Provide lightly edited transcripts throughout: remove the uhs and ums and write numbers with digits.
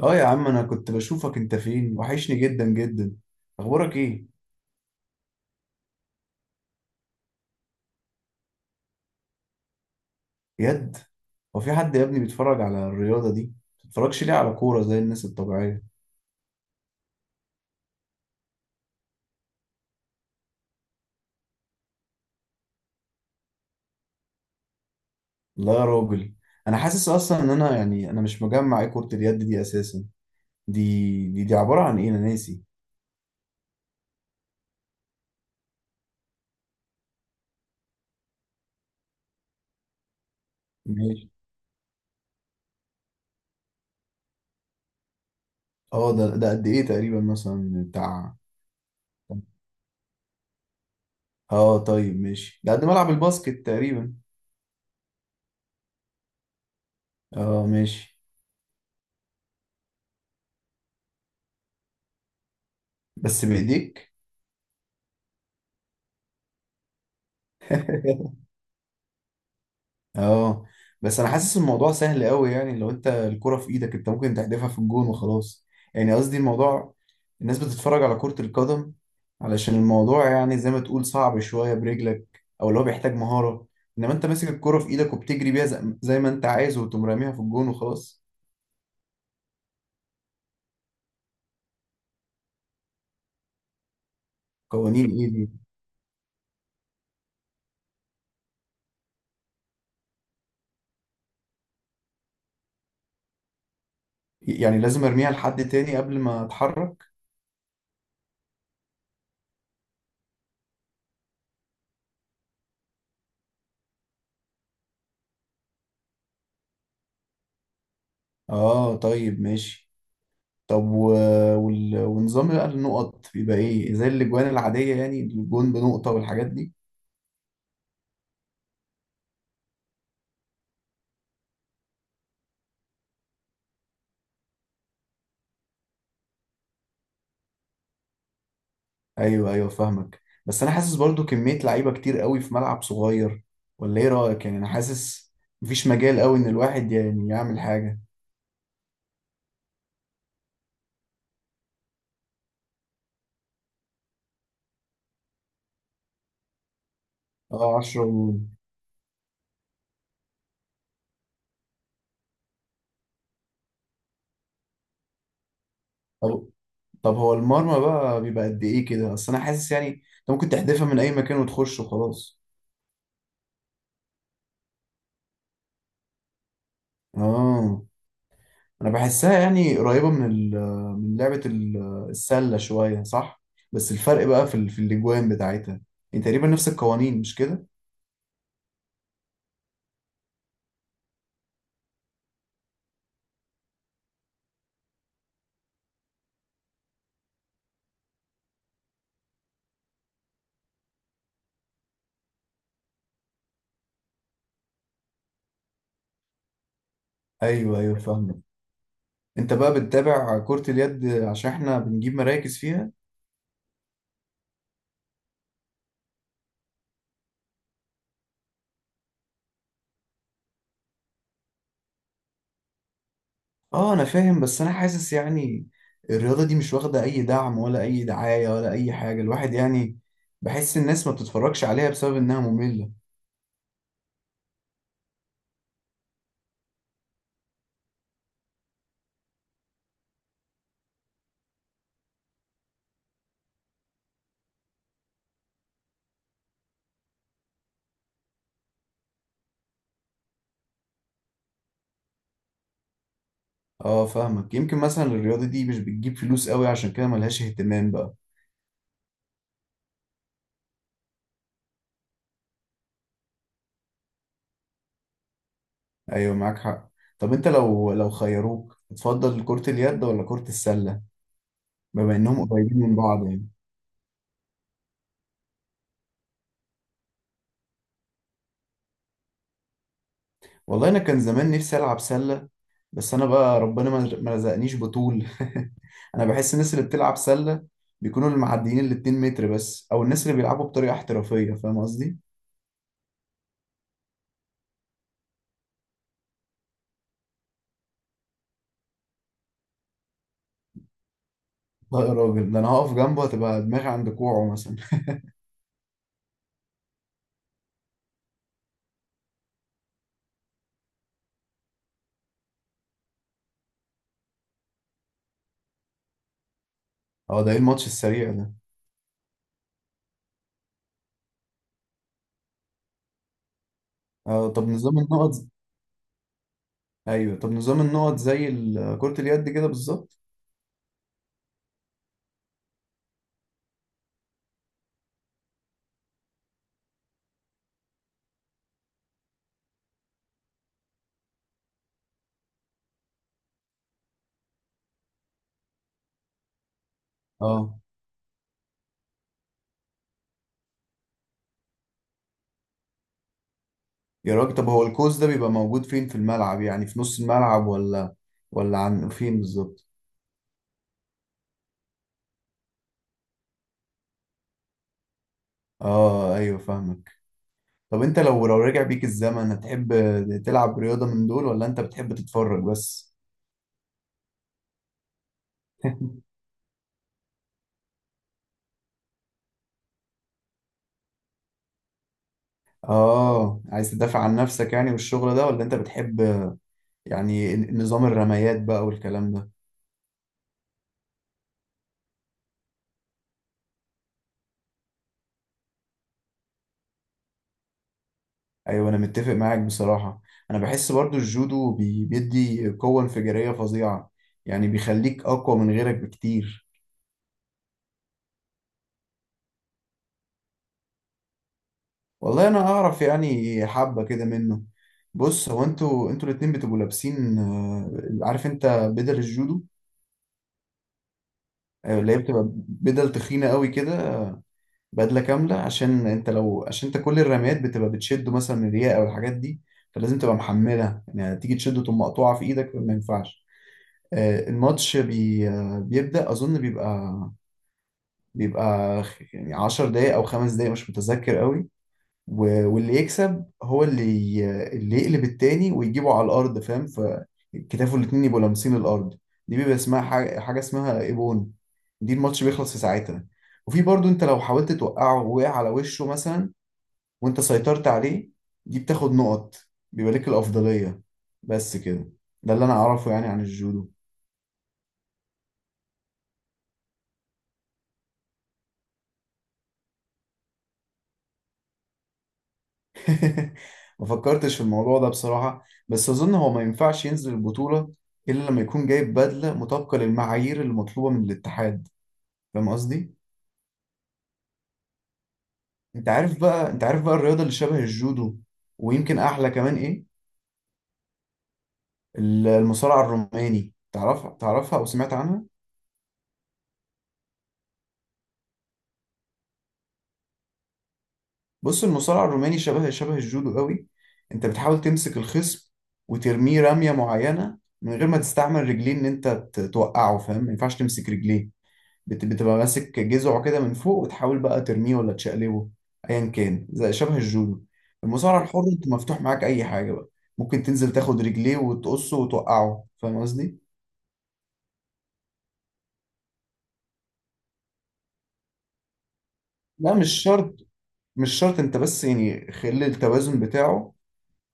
اه يا عم، انا كنت بشوفك انت فين، وحشني جدا جدا. اخبارك ايه؟ يد. هو في حد يا ابني بيتفرج على الرياضه دي؟ ما بتتفرجش ليه على كوره زي الناس الطبيعيه؟ لا يا راجل. انا حاسس اصلا ان انا يعني انا مش مجمع ايه كره اليد دي اساسا. دي دي عباره عن ايه؟ انا ناسي. ماشي. اه، ده قد ايه تقريبا؟ مثلا بتاع... اه، طيب ماشي، ده قد ملعب الباسكت تقريبا. اه، ماشي. بس بايديك. اه. بس انا حاسس الموضوع سهل قوي. يعني لو انت الكرة في ايدك، انت ممكن تحدفها في الجون وخلاص. يعني قصدي الموضوع... الناس بتتفرج على كرة القدم علشان الموضوع يعني زي ما تقول صعب شوية برجلك، او اللي هو بيحتاج مهارة. انما انت ماسك الكرة في ايدك وبتجري بيها زي ما انت عايز، وتقوم راميها في الجون وخلاص. قوانين ايه دي؟ يعني لازم ارميها لحد تاني قبل ما اتحرك؟ اه، طيب ماشي. طب ونظام بقى النقط بيبقى ايه؟ زي الاجوان العادية يعني، الجون بنقطة والحاجات دي؟ ايوه، ايوه، فاهمك. بس انا حاسس برضو كمية لعيبة كتير قوي في ملعب صغير، ولا ايه رأيك؟ يعني انا حاسس مفيش مجال قوي ان الواحد يعني يعمل حاجة. اه، 10 ونجوم. طب طب، هو المرمى بقى بيبقى قد ايه كده؟ اصل انا حاسس يعني انت ممكن تحدفها من اي مكان وتخش وخلاص. اه. انا بحسها يعني قريبة من من لعبة السلة شوية، صح؟ بس الفرق بقى في في الاجوان بتاعتها. يعني تقريبا نفس القوانين، مش كده؟ ايوه، ايوه، فاهمك. انت بقى بتتابع كرة اليد عشان احنا بنجيب مراكز فيها؟ اه، انا فاهم. بس انا حاسس يعني الرياضة دي مش واخدة اي دعم ولا اي دعاية ولا اي حاجة، الواحد يعني بحس الناس ما بتتفرجش عليها بسبب انها مملة. اه، فاهمك. يمكن مثلا الرياضة دي مش بتجيب فلوس قوي، عشان كده ملهاش اهتمام بقى. ايوه، معاك حق. طب انت، لو خيروك تفضل كرة اليد ولا كرة السلة؟ بما انهم قريبين من بعض يعني. والله انا كان زمان نفسي العب سلة، بس انا بقى ربنا ما رزقنيش بطول. انا بحس الناس اللي بتلعب سله بيكونوا المعديين ال 2 متر بس، او الناس اللي بيلعبوا بطريقه احترافيه، فاهم قصدي؟ لا يا راجل، ده انا هقف جنبه هتبقى دماغي عند كوعه مثلا. اه، ده ايه الماتش السريع ده؟ اه، طب نظام النقط؟ ايوه، طب نظام النقط زي كرة اليد كده بالظبط؟ اه يا راجل، طب هو الكوز ده بيبقى موجود فين في الملعب؟ يعني في نص الملعب ولا عن فين بالظبط؟ اه، ايوه، فاهمك. طب انت، لو رجع بيك الزمن هتحب تلعب رياضة من دول، ولا انت بتحب تتفرج بس؟ اه، عايز تدافع عن نفسك يعني والشغل ده، ولا انت بتحب يعني نظام الرميات بقى والكلام ده؟ ايوه، انا متفق معاك بصراحة. انا بحس برضو الجودو بيدي قوة انفجارية فظيعة، يعني بيخليك اقوى من غيرك بكتير. والله انا اعرف يعني حبة كده منه. بص، هو انتوا الاتنين بتبقوا لابسين عارف انت بدل الجودو؟ ايوه، اللي هي بتبقى بدل تخينه قوي كده. بدله كامله، عشان انت كل الرميات بتبقى بتشده مثلا من الرياء او الحاجات دي، فلازم تبقى محملها. يعني تيجي تشده تقوم مقطوعه في ايدك، ما ينفعش. الماتش بي آه، بيبدأ أظن بيبقى يعني 10 دقايق أو 5 دقايق، مش متذكر قوي. واللي يكسب هو اللي يقلب التاني ويجيبه على الأرض، فاهم؟ فكتافه الاتنين يبقوا لامسين الأرض، دي بيبقى اسمها حاجة اسمها إيبون. دي الماتش بيخلص في ساعتها. وفي برضو، انت لو حاولت توقعه ووقع على وشه مثلا وانت سيطرت عليه، دي بتاخد نقط، بيبقى لك الأفضلية. بس كده، ده اللي أنا أعرفه يعني عن الجودو. ما فكرتش في الموضوع ده بصراحة، بس أظن هو ما ينفعش ينزل البطولة إلا لما يكون جايب بدلة مطابقة للمعايير المطلوبة من الاتحاد، فاهم قصدي؟ أنت عارف بقى الرياضة اللي شبه الجودو، ويمكن أحلى كمان إيه؟ المصارعة الروماني، تعرفها أو سمعت عنها؟ بص، المصارعة الروماني شبه الجودو قوي. أنت بتحاول تمسك الخصم وترميه رمية معينة، من غير ما تستعمل رجلين، إن أنت توقعه، فاهم؟ ما ينفعش تمسك رجليه. بتبقى ماسك جذعه كده من فوق، وتحاول بقى ترميه ولا تشقلبه، ايا كان زي شبه الجودو. المصارعه الحر انت مفتوح معاك اي حاجه بقى. ممكن تنزل تاخد رجليه وتقصه وتوقعه، فاهم قصدي؟ لا مش شرط، مش شرط. انت بس يعني خلي التوازن بتاعه،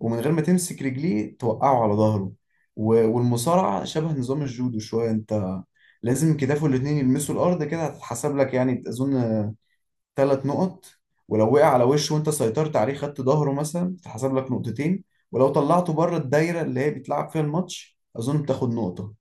ومن غير ما تمسك رجليه توقعه على ظهره. والمصارعه شبه نظام الجودو شويه. انت لازم كتافه الاتنين يلمسوا الارض كده هتتحسب لك، يعني اظن 3 نقط. ولو وقع على وشه وانت سيطرت عليه خدت ظهره مثلا، تتحسب لك نقطتين. ولو طلعته بره الدايره اللي هي بيتلعب فيها الماتش، اظن بتاخد نقطه.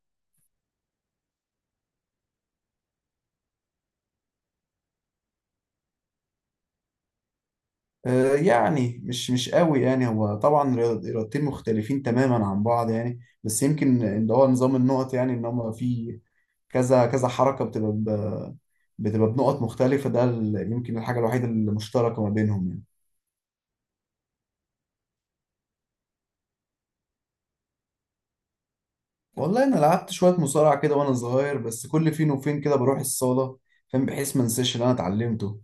يعني مش قوي. يعني هو طبعا رياضتين مختلفين تماما عن بعض يعني، بس يمكن ان هو نظام النقط، يعني ان هم في كذا كذا حركه بتبقى بتبقى بنقط مختلفه. ده يمكن الحاجه الوحيده المشتركه ما بينهم يعني. والله انا لعبت شويه مصارعه كده وانا صغير، بس كل فين وفين كده بروح الصاله، فاهم، بحيث ما انساش اللي انا اتعلمته.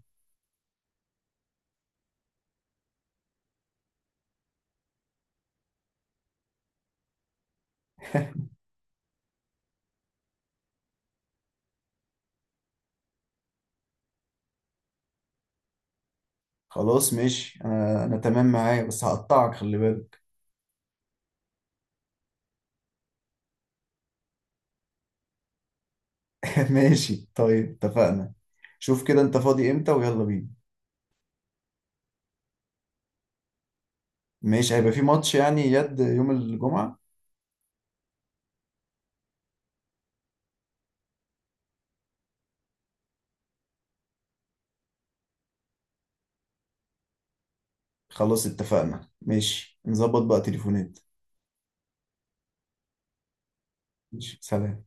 خلاص ماشي، انا تمام معايا، بس هقطعك خلي بالك. ماشي، طيب اتفقنا. شوف كده انت فاضي امتى؟ ويلا بينا. ماشي، هيبقى في ماتش يعني يد يوم الجمعه؟ خلاص اتفقنا، ماشي نظبط بقى تليفونات. ماشي، سلام.